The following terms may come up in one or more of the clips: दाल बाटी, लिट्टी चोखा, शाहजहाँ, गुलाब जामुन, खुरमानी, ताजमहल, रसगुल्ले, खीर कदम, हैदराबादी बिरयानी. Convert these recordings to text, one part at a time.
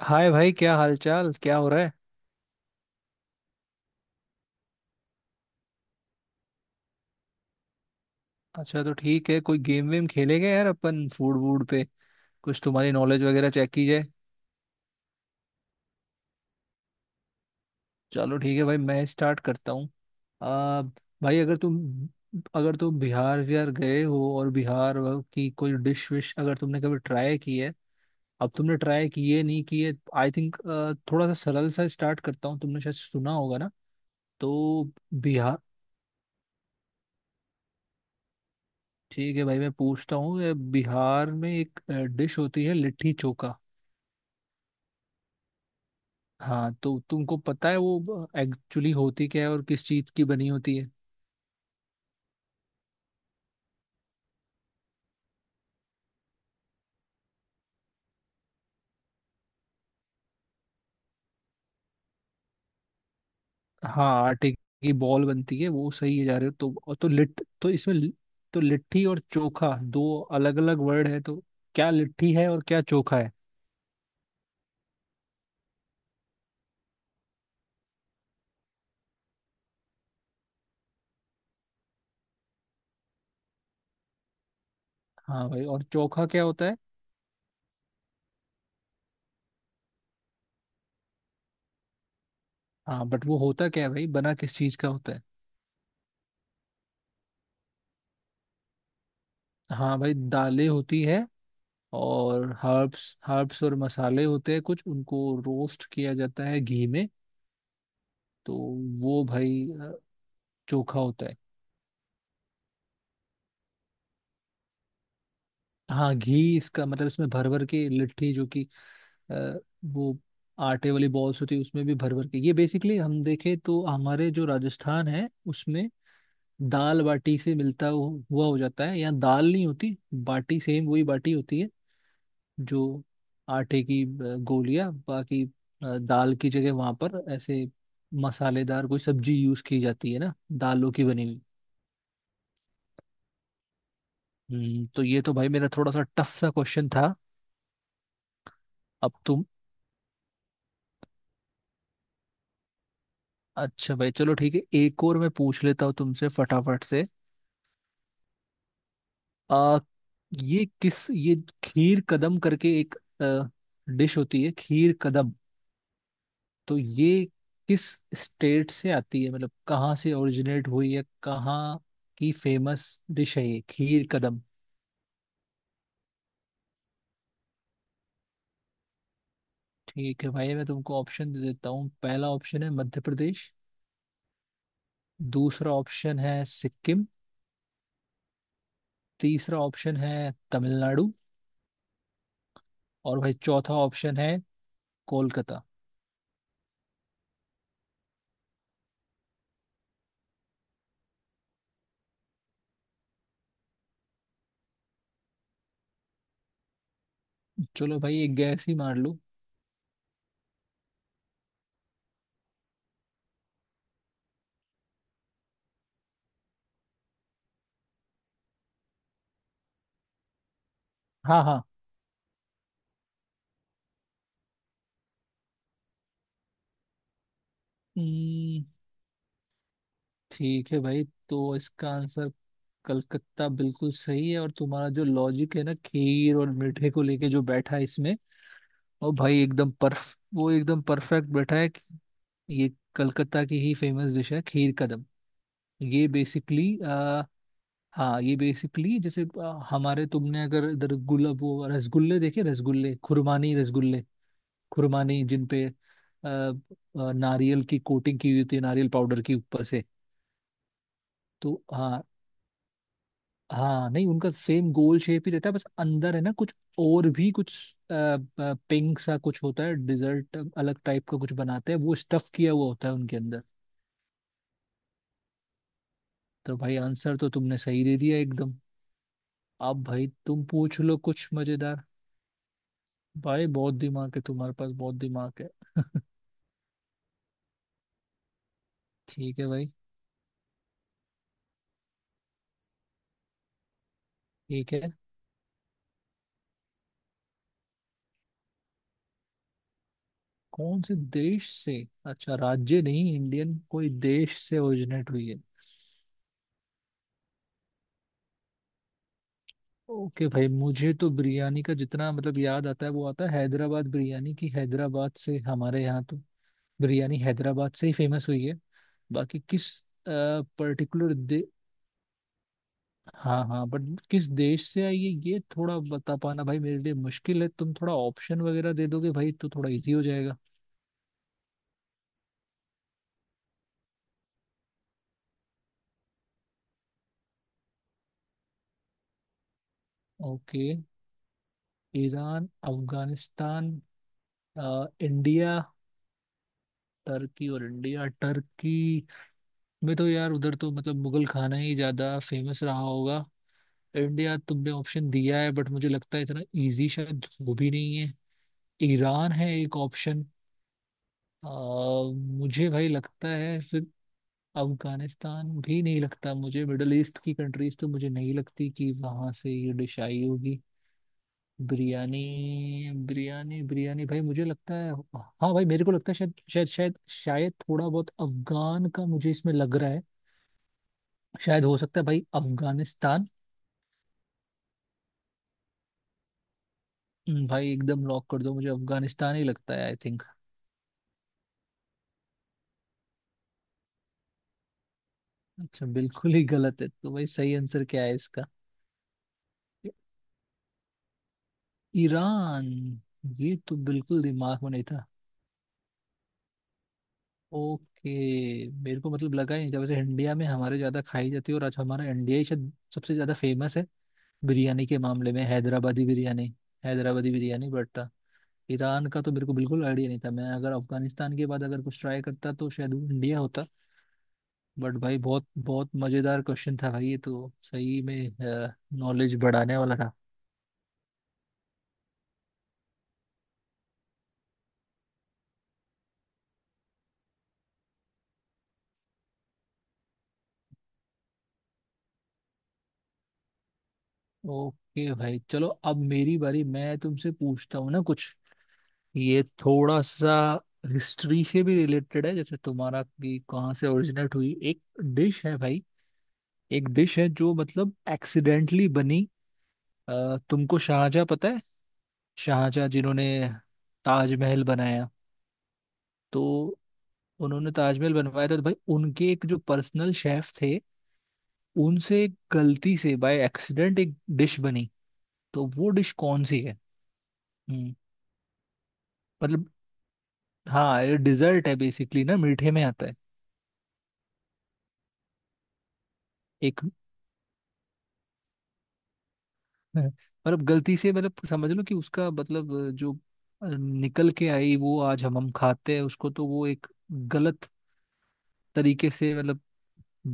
हाय भाई, क्या हाल चाल, क्या हो रहा है। अच्छा, तो ठीक है, कोई गेम वेम खेलेंगे यार अपन फूड वूड पे, कुछ तुम्हारी नॉलेज वगैरह चेक की जाए। चलो ठीक है भाई, मैं स्टार्ट करता हूँ। आ, भाई अगर तुम बिहार विहार गए हो, और की कोई डिश विश अगर तुमने कभी ट्राई की है। अब तुमने ट्राई किए नहीं किए, आई थिंक थोड़ा सा सरल सा स्टार्ट करता हूँ, तुमने शायद सुना होगा ना। तो बिहार, ठीक है भाई मैं पूछता हूँ, ये बिहार में एक डिश होती है लिट्टी चोखा। हाँ, तो तुमको पता है वो एक्चुअली होती क्या है और किस चीज की बनी होती है। हाँ, आटे की बॉल बनती है वो सही है, जा रहे हो, तो और तो लिट तो इसमें लि- तो लिट्टी और चोखा दो अलग अलग वर्ड है, तो क्या लिट्टी है और क्या चोखा है। हाँ भाई, और चोखा क्या होता है। हाँ बट वो होता क्या है भाई, बना किस चीज का होता है। हाँ भाई, दालें होती है और हर्ब्स हर्ब्स और मसाले होते हैं कुछ, उनको रोस्ट किया जाता है घी में। तो वो भाई, चोखा होता है। हाँ, घी इसका मतलब इसमें भर भर के लिट्टी, जो कि अ, वो आटे वाली बॉल्स होती है, उसमें भी भर भर के, ये बेसिकली हम देखें तो हमारे जो राजस्थान है उसमें दाल बाटी से हुआ हो जाता है। यहाँ दाल नहीं होती, बाटी सेम वही बाटी होती है, जो आटे की गोलियां। बाकी दाल की जगह वहां पर ऐसे मसालेदार कोई सब्जी यूज की जाती है ना, दालों की बनी हुई। तो ये तो भाई मेरा थोड़ा सा टफ सा क्वेश्चन था। अब तुम अच्छा भाई, चलो ठीक है, एक और मैं पूछ लेता हूँ तुमसे फटाफट से। आ, ये किस ये खीर कदम करके एक डिश होती है खीर कदम। तो ये किस स्टेट से आती है, मतलब कहाँ से ओरिजिनेट हुई है, कहाँ की फेमस डिश है ये खीर कदम। ठीक है भाई, मैं तुमको ऑप्शन दे देता हूँ। पहला ऑप्शन है मध्य प्रदेश, दूसरा ऑप्शन है सिक्किम, तीसरा ऑप्शन है तमिलनाडु, और भाई चौथा ऑप्शन है कोलकाता। चलो भाई, एक गैस ही मार लूँ। हाँ हाँ। हम्म, ठीक है भाई, तो इसका आंसर कलकत्ता बिल्कुल सही है। और तुम्हारा जो लॉजिक है ना, खीर और मीठे को लेके जो बैठा है इसमें, और भाई एकदम परफ वो एकदम परफेक्ट बैठा है कि ये कलकत्ता की ही फेमस डिश है खीर कदम। ये बेसिकली हाँ ये बेसिकली जैसे हमारे, तुमने अगर इधर गुलाब वो रसगुल्ले देखे, रसगुल्ले खुरमानी, रसगुल्ले खुरमानी जिन पे नारियल की कोटिंग की हुई होती है, नारियल पाउडर की ऊपर से। तो हाँ, हाँ नहीं उनका सेम गोल शेप ही रहता है, बस अंदर है ना कुछ, और भी कुछ पिंक सा कुछ होता है, डिजर्ट अलग टाइप का कुछ बनाते हैं, वो स्टफ किया हुआ होता है उनके अंदर। तो भाई आंसर तो तुमने सही दे दिया एकदम। अब भाई, तुम पूछ लो कुछ मजेदार। भाई बहुत दिमाग है तुम्हारे पास, बहुत दिमाग है ठीक है भाई। ठीक है, कौन से देश से? अच्छा, राज्य नहीं, इंडियन कोई देश से ओरिजिनेट हुई है। ओके भाई, मुझे तो बिरयानी का जितना मतलब याद आता है वो आता है हैदराबाद बिरयानी की, हैदराबाद से हमारे यहाँ तो बिरयानी हैदराबाद से ही फेमस हुई है। बाकी किस पर्टिकुलर दे, हाँ हाँ, बट किस देश से आई है ये थोड़ा बता पाना भाई मेरे लिए मुश्किल है। तुम थोड़ा ऑप्शन वगैरह दे दोगे भाई, तो थोड़ा इजी हो जाएगा। Okay, Iran, Afghanistan, India, Turkey और इंडिया। टर्की में तो यार उधर तो मतलब मुगल खाना ही ज्यादा फेमस रहा होगा। इंडिया तुमने ऑप्शन दिया है, बट मुझे लगता है इतना इजी शायद वो भी नहीं है। ईरान है एक ऑप्शन। आ, मुझे भाई लगता है फिर अफगानिस्तान भी नहीं लगता, मुझे मिडल ईस्ट की कंट्रीज तो मुझे नहीं लगती कि वहां से ये डिश आई होगी। बिरयानी बिरयानी बिरयानी, भाई मुझे लगता है, हाँ भाई मेरे को लगता है शायद शायद शायद शायद थोड़ा बहुत अफगान का मुझे इसमें लग रहा है। शायद हो सकता है भाई अफगानिस्तान। भाई एकदम लॉक कर दो, मुझे अफगानिस्तान ही लगता है आई थिंक। अच्छा बिल्कुल ही गलत है, तो भाई सही आंसर क्या है इसका? ईरान? ये तो बिल्कुल दिमाग में नहीं था। ओके, मेरे को मतलब लगा ही नहीं था, वैसे इंडिया में हमारे ज्यादा खाई जाती है और आज हमारा इंडिया ही शायद सबसे ज्यादा फेमस है बिरयानी के मामले में, हैदराबादी बिरयानी, हैदराबादी बिरयानी। बट ईरान का तो मेरे को बिल्कुल आइडिया नहीं था। मैं अगर अफगानिस्तान के बाद अगर कुछ ट्राई करता तो शायद वो इंडिया होता। बट भाई बहुत बहुत मजेदार क्वेश्चन था भाई ये तो, सही में नॉलेज बढ़ाने वाला था। ओके भाई, चलो अब मेरी बारी, मैं तुमसे पूछता हूँ ना कुछ। ये थोड़ा सा हिस्ट्री से भी रिलेटेड है जैसे तुम्हारा, कि कहाँ से ओरिजिनेट हुई एक डिश है भाई। एक डिश है जो मतलब एक्सीडेंटली बनी। तुमको शाहजहाँ पता है, शाहजहाँ जिन्होंने ताजमहल बनाया। तो उन्होंने ताजमहल बनवाया था, तो भाई उनके एक जो पर्सनल शेफ थे, उनसे गलती से बाय एक्सीडेंट एक डिश बनी। तो वो डिश कौन सी है। हम्म। मतलब हाँ, ये डिजर्ट है बेसिकली ना, मीठे में आता है। एक मतलब गलती से, मतलब समझ लो कि उसका मतलब जो निकल के आई वो आज हम खाते हैं उसको, तो वो एक गलत तरीके से मतलब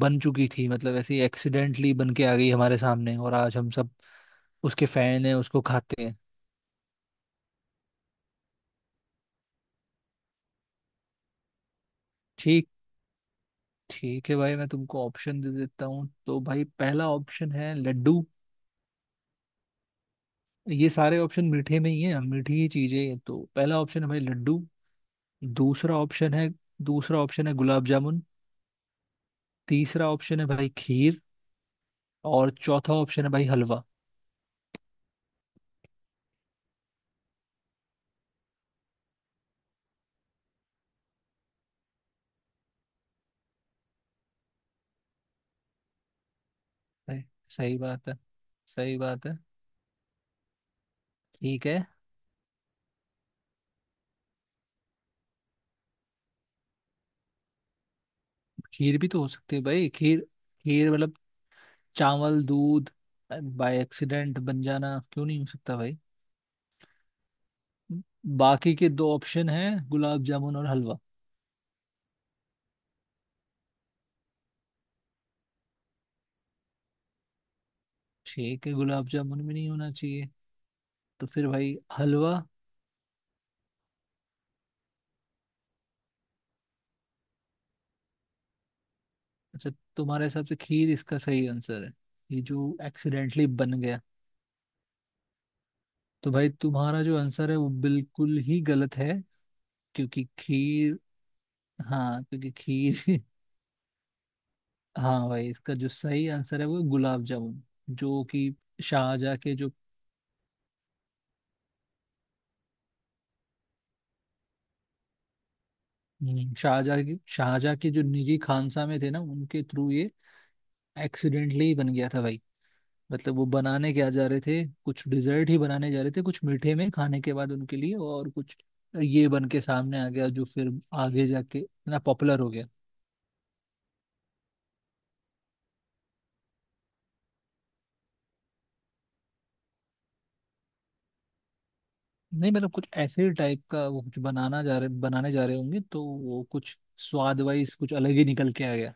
बन चुकी थी, मतलब ऐसे ही एक्सीडेंटली बन के आ गई हमारे सामने, और आज हम सब उसके फैन हैं, उसको खाते हैं। ठीक ठीक है भाई, मैं तुमको ऑप्शन दे देता हूँ। तो भाई पहला ऑप्शन है लड्डू। ये सारे ऑप्शन मीठे में ही हैं, मीठी ही चीजें हैं। तो पहला ऑप्शन है भाई लड्डू, दूसरा ऑप्शन है दूसरा ऑप्शन है गुलाब जामुन, तीसरा ऑप्शन है भाई खीर, और चौथा ऑप्शन है भाई हलवा। सही, सही बात है, सही बात है। ठीक है। खीर भी तो हो सकती है भाई। खीर, खीर मतलब चावल दूध, बाय एक्सीडेंट बन जाना क्यों नहीं हो सकता भाई। बाकी के दो ऑप्शन हैं गुलाब जामुन और हलवा। ठीक है गुलाब जामुन भी नहीं होना चाहिए, तो फिर भाई हलवा। अच्छा, तुम्हारे हिसाब से खीर इसका सही आंसर है, ये जो एक्सीडेंटली बन गया। तो भाई तुम्हारा जो आंसर है वो बिल्कुल ही गलत है, क्योंकि खीर, हाँ क्योंकि खीर, हाँ भाई, इसका जो सही आंसर है वो है गुलाब जामुन, जो कि शाहजहाँ के जो, शाहजहाँ के जो निजी खानसा में थे ना, उनके थ्रू ये एक्सीडेंटली बन गया था भाई। मतलब वो बनाने क्या जा रहे थे कुछ डिजर्ट ही बनाने जा रहे थे कुछ मीठे में खाने के बाद उनके लिए, और कुछ ये बन के सामने आ गया, जो फिर आगे जाके ना पॉपुलर हो गया। नहीं मतलब कुछ ऐसे टाइप का वो कुछ बनाना जा रहे बनाने जा रहे होंगे, तो वो कुछ स्वाद वाइज कुछ अलग ही निकल के आ गया।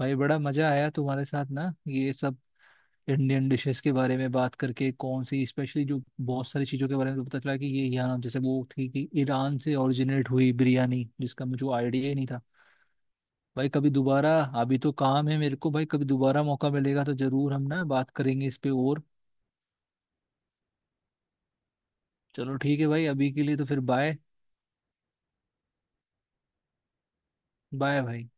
भाई बड़ा मजा आया तुम्हारे साथ ना, ये सब इंडियन डिशेस के बारे में बात करके कौन सी स्पेशली, जो बहुत सारी चीज़ों के बारे में तो पता चला, कि ये यहाँ जैसे वो थी कि ईरान से ओरिजिनेट हुई बिरयानी, जिसका मुझे आइडिया ही नहीं था। भाई कभी दोबारा, अभी तो काम है मेरे को भाई, कभी दोबारा मौका मिलेगा तो जरूर हम ना बात करेंगे इस पे और। चलो ठीक है भाई, अभी के लिए तो फिर बाय। बाय भाई।